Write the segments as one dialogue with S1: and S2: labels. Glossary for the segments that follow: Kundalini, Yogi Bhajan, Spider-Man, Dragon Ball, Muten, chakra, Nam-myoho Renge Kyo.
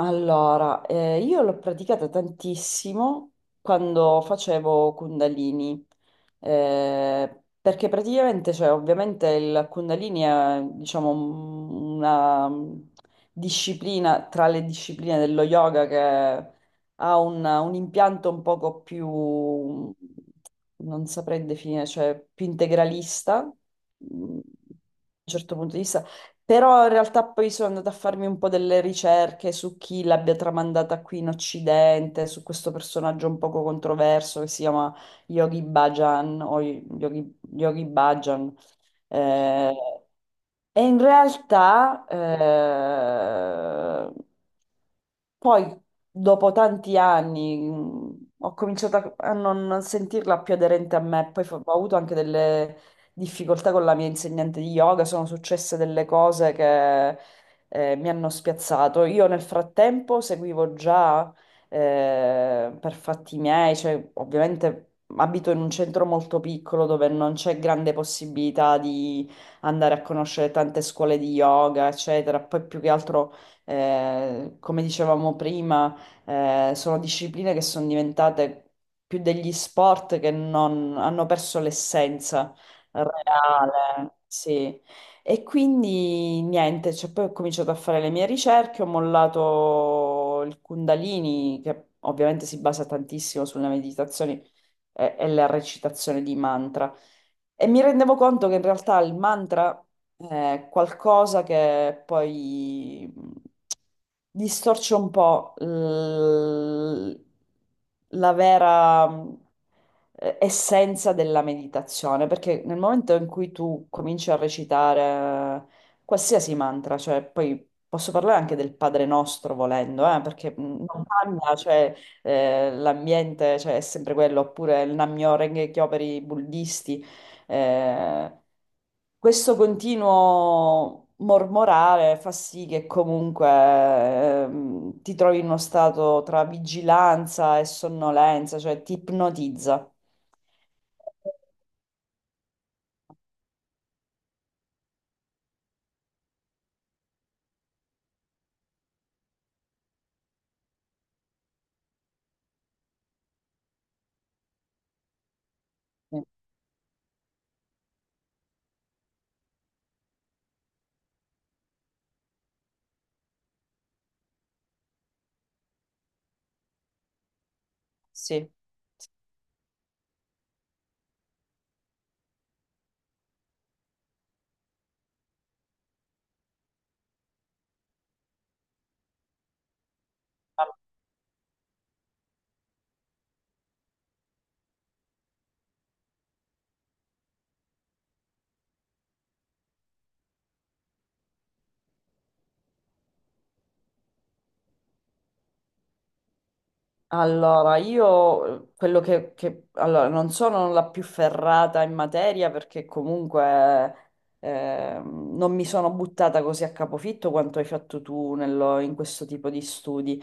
S1: Allora, io l'ho praticata tantissimo quando facevo Kundalini, perché praticamente, cioè, ovviamente il Kundalini è, diciamo, una disciplina tra le discipline dello yoga che ha un impianto un poco più, non saprei definire, cioè più integralista, da un certo punto di vista. Però in realtà poi sono andata a farmi un po' delle ricerche su chi l'abbia tramandata qui in Occidente, su questo personaggio un poco controverso che si chiama Yogi Bhajan o Yogi Bhajan. Eh, e in realtà poi, dopo tanti anni, ho cominciato a non sentirla più aderente a me. Poi ho avuto anche delle difficoltà con la mia insegnante di yoga, sono successe delle cose che mi hanno spiazzato. Io nel frattempo seguivo già, per fatti miei, cioè ovviamente abito in un centro molto piccolo dove non c'è grande possibilità di andare a conoscere tante scuole di yoga, eccetera. Poi più che altro, come dicevamo prima, sono discipline che sono diventate più degli sport, che non hanno perso l'essenza reale, sì. E quindi niente, cioè, poi ho cominciato a fare le mie ricerche, ho mollato il Kundalini, che ovviamente si basa tantissimo sulle meditazioni e la recitazione di mantra. E mi rendevo conto che in realtà il mantra è qualcosa che poi distorce un po' la vera, essenza della meditazione, perché nel momento in cui tu cominci a recitare qualsiasi mantra, cioè poi posso parlare anche del Padre Nostro volendo, perché non cambia, cioè l'ambiente, cioè, è sempre quello, oppure il Nam-myoho Renge Kyo per i buddisti. Eh, Questo continuo mormorare fa sì che comunque ti trovi in uno stato tra vigilanza e sonnolenza, cioè ti ipnotizza. Sì. Allora, io quello che, allora, non sono la più ferrata in materia perché comunque, non mi sono buttata così a capofitto quanto hai fatto tu in questo tipo di studi,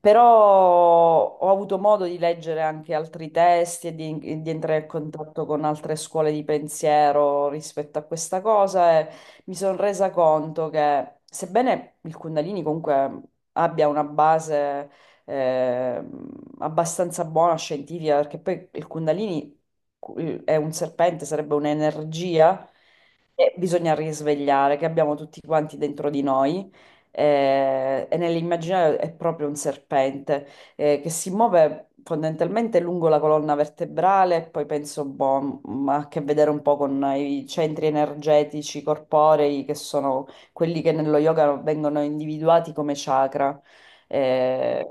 S1: però ho avuto modo di leggere anche altri testi e di entrare in contatto con altre scuole di pensiero rispetto a questa cosa. E mi sono resa conto che, sebbene il Kundalini comunque abbia una base, eh, abbastanza buona, scientifica, perché poi il Kundalini è un serpente, sarebbe un'energia che bisogna risvegliare, che abbiamo tutti quanti dentro di noi. E nell'immaginario è proprio un serpente, che si muove fondamentalmente lungo la colonna vertebrale, e poi penso, boh, ma ha a che vedere un po' con i centri energetici corporei, che sono quelli che nello yoga vengono individuati come chakra, eh,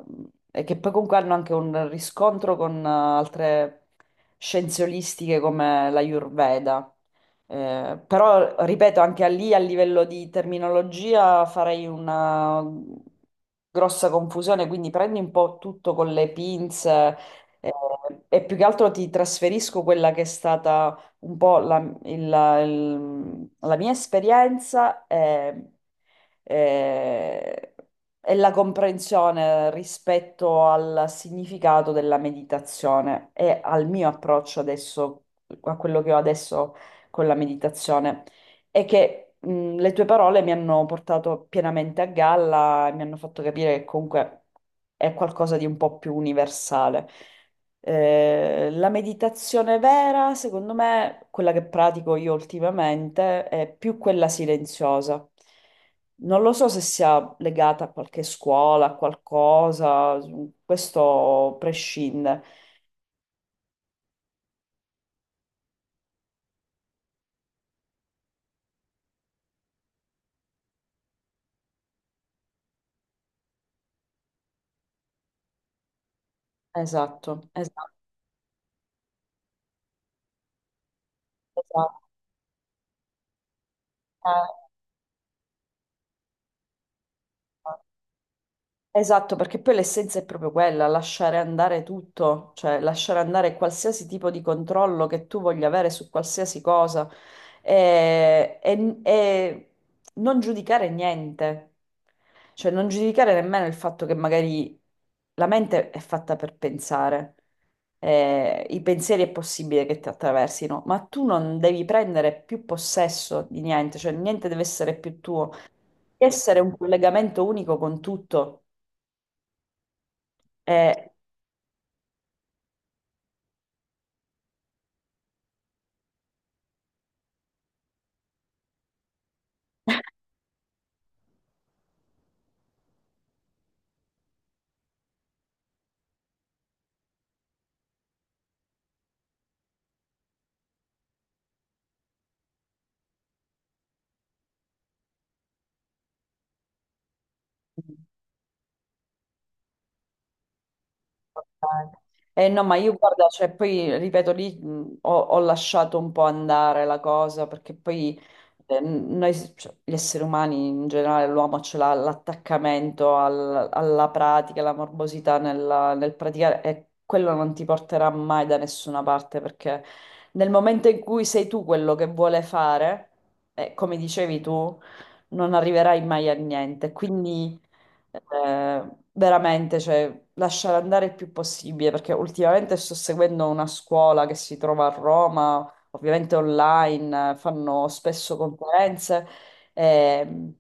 S1: e che poi comunque hanno anche un riscontro con, altre scienze olistiche come l'Ayurveda. Però, ripeto, anche a lì a livello di terminologia farei una grossa confusione, quindi prendi un po' tutto con le pinze. eh, e più che altro ti trasferisco quella che è stata un po' la, la mia esperienza, e la comprensione rispetto al significato della meditazione e al mio approccio adesso, a quello che ho adesso con la meditazione, e che le tue parole mi hanno portato pienamente a galla e mi hanno fatto capire che comunque è qualcosa di un po' più universale. La meditazione vera, secondo me, quella che pratico io ultimamente, è più quella silenziosa. Non lo so se sia legata a qualche scuola, a qualcosa, questo prescinde. Esatto, esatto, esatto. Eh, Esatto, perché poi l'essenza è proprio quella: lasciare andare tutto, cioè lasciare andare qualsiasi tipo di controllo che tu voglia avere su qualsiasi cosa e, e non giudicare niente, cioè non giudicare nemmeno il fatto che magari la mente è fatta per pensare, i pensieri è possibile che ti attraversino, ma tu non devi prendere più possesso di niente, cioè niente deve essere più tuo, essere un collegamento unico con tutto. Eh, no, ma io guarda, cioè, poi ripeto lì, ho lasciato un po' andare la cosa, perché poi noi, cioè, gli esseri umani in generale, l'uomo ce l'ha l'attaccamento alla pratica, la morbosità nel praticare, e quello non ti porterà mai da nessuna parte, perché nel momento in cui sei tu quello che vuole fare, come dicevi tu, non arriverai mai a niente. Quindi veramente, cioè, lasciare andare il più possibile, perché ultimamente sto seguendo una scuola che si trova a Roma, ovviamente online, fanno spesso conferenze. E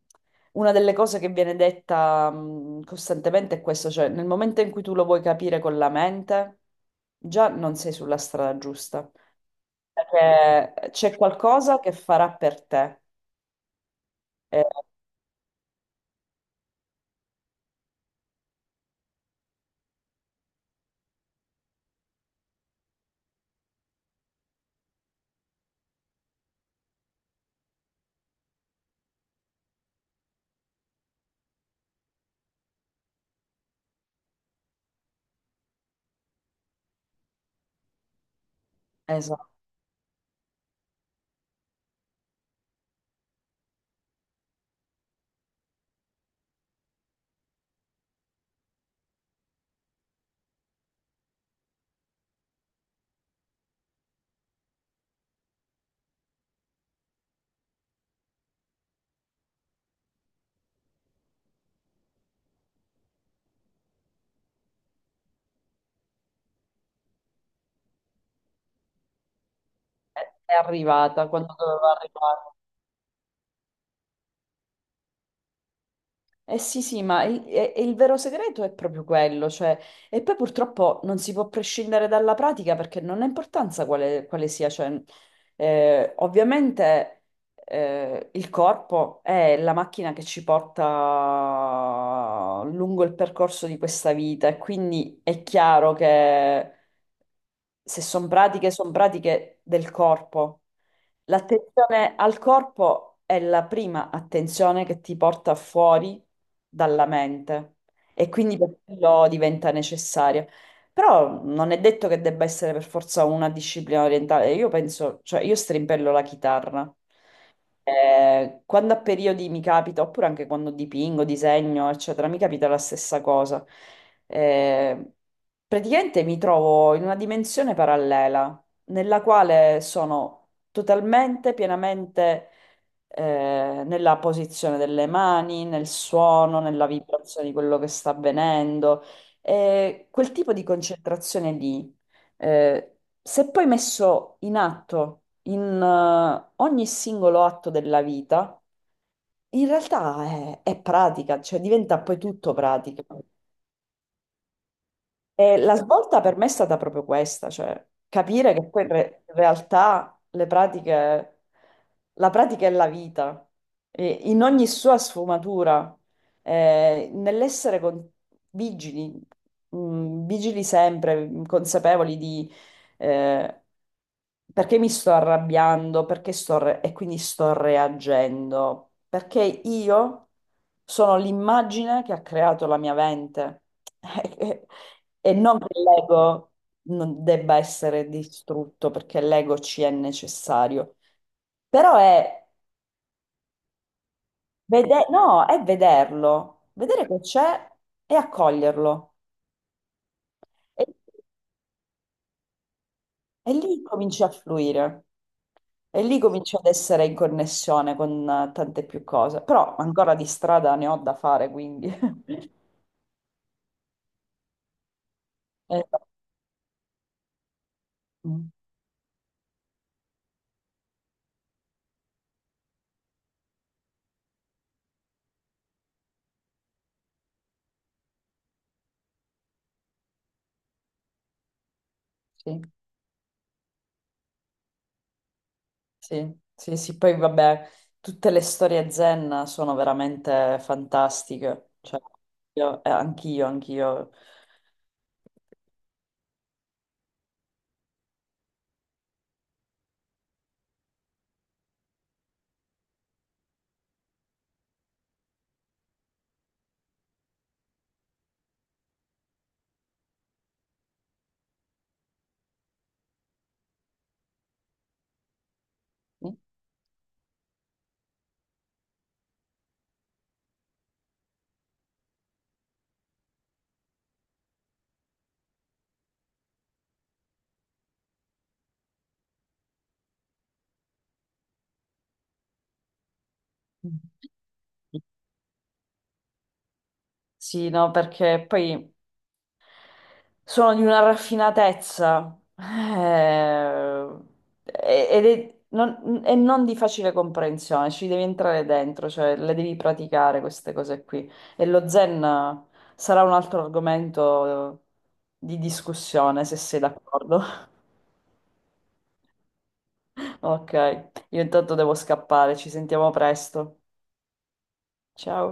S1: una delle cose che viene detta costantemente è questo, cioè nel momento in cui tu lo vuoi capire con la mente, già non sei sulla strada giusta, perché c'è qualcosa che farà per te. Eh, esatto. È arrivata quando doveva arrivare. Eh sì, sì, ma il, e il vero segreto è proprio quello, cioè, e poi purtroppo non si può prescindere dalla pratica, perché non ha importanza quale, quale sia, cioè, ovviamente il corpo è la macchina che ci porta lungo il percorso di questa vita, e quindi è chiaro che se sono pratiche, sono pratiche del corpo. L'attenzione al corpo è la prima attenzione che ti porta fuori dalla mente, e quindi per quello diventa necessaria. Però non è detto che debba essere per forza una disciplina orientale. Io penso, cioè io strimpello la chitarra. Quando a periodi mi capita, oppure anche quando dipingo, disegno, eccetera, mi capita la stessa cosa. Eh, praticamente mi trovo in una dimensione parallela nella quale sono totalmente, pienamente, nella posizione delle mani, nel suono, nella vibrazione di quello che sta avvenendo. E quel tipo di concentrazione lì, se poi messo in atto in ogni singolo atto della vita, in realtà è pratica, cioè diventa poi tutto pratica. E la svolta per me è stata proprio questa, cioè capire che poi in realtà le pratiche, la pratica è la vita, e in ogni sua sfumatura, eh, nell'essere con- vigili, vigili sempre, consapevoli di eh, perché mi sto arrabbiando, perché e quindi sto reagendo, perché io sono l'immagine che ha creato la mia mente, e non che l'ego non debba essere distrutto, perché l'ego ci è necessario, però è, no, è vederlo, vedere che c'è e accoglierlo, e, e lì cominci a fluire. E lì cominci ad essere in connessione con, tante più cose, però ancora di strada ne ho da fare, quindi. Eh, mm, sì. Sì, sì, sì, poi vabbè, tutte le storie zen sono veramente fantastiche, cioè, anch'io, anch'io. Sì, no, perché poi sono di una raffinatezza, non, e non di facile comprensione, ci devi entrare dentro, cioè le devi praticare queste cose qui. E lo zen sarà un altro argomento di discussione, se sei d'accordo. Ok, io intanto devo scappare, ci sentiamo presto. Ciao.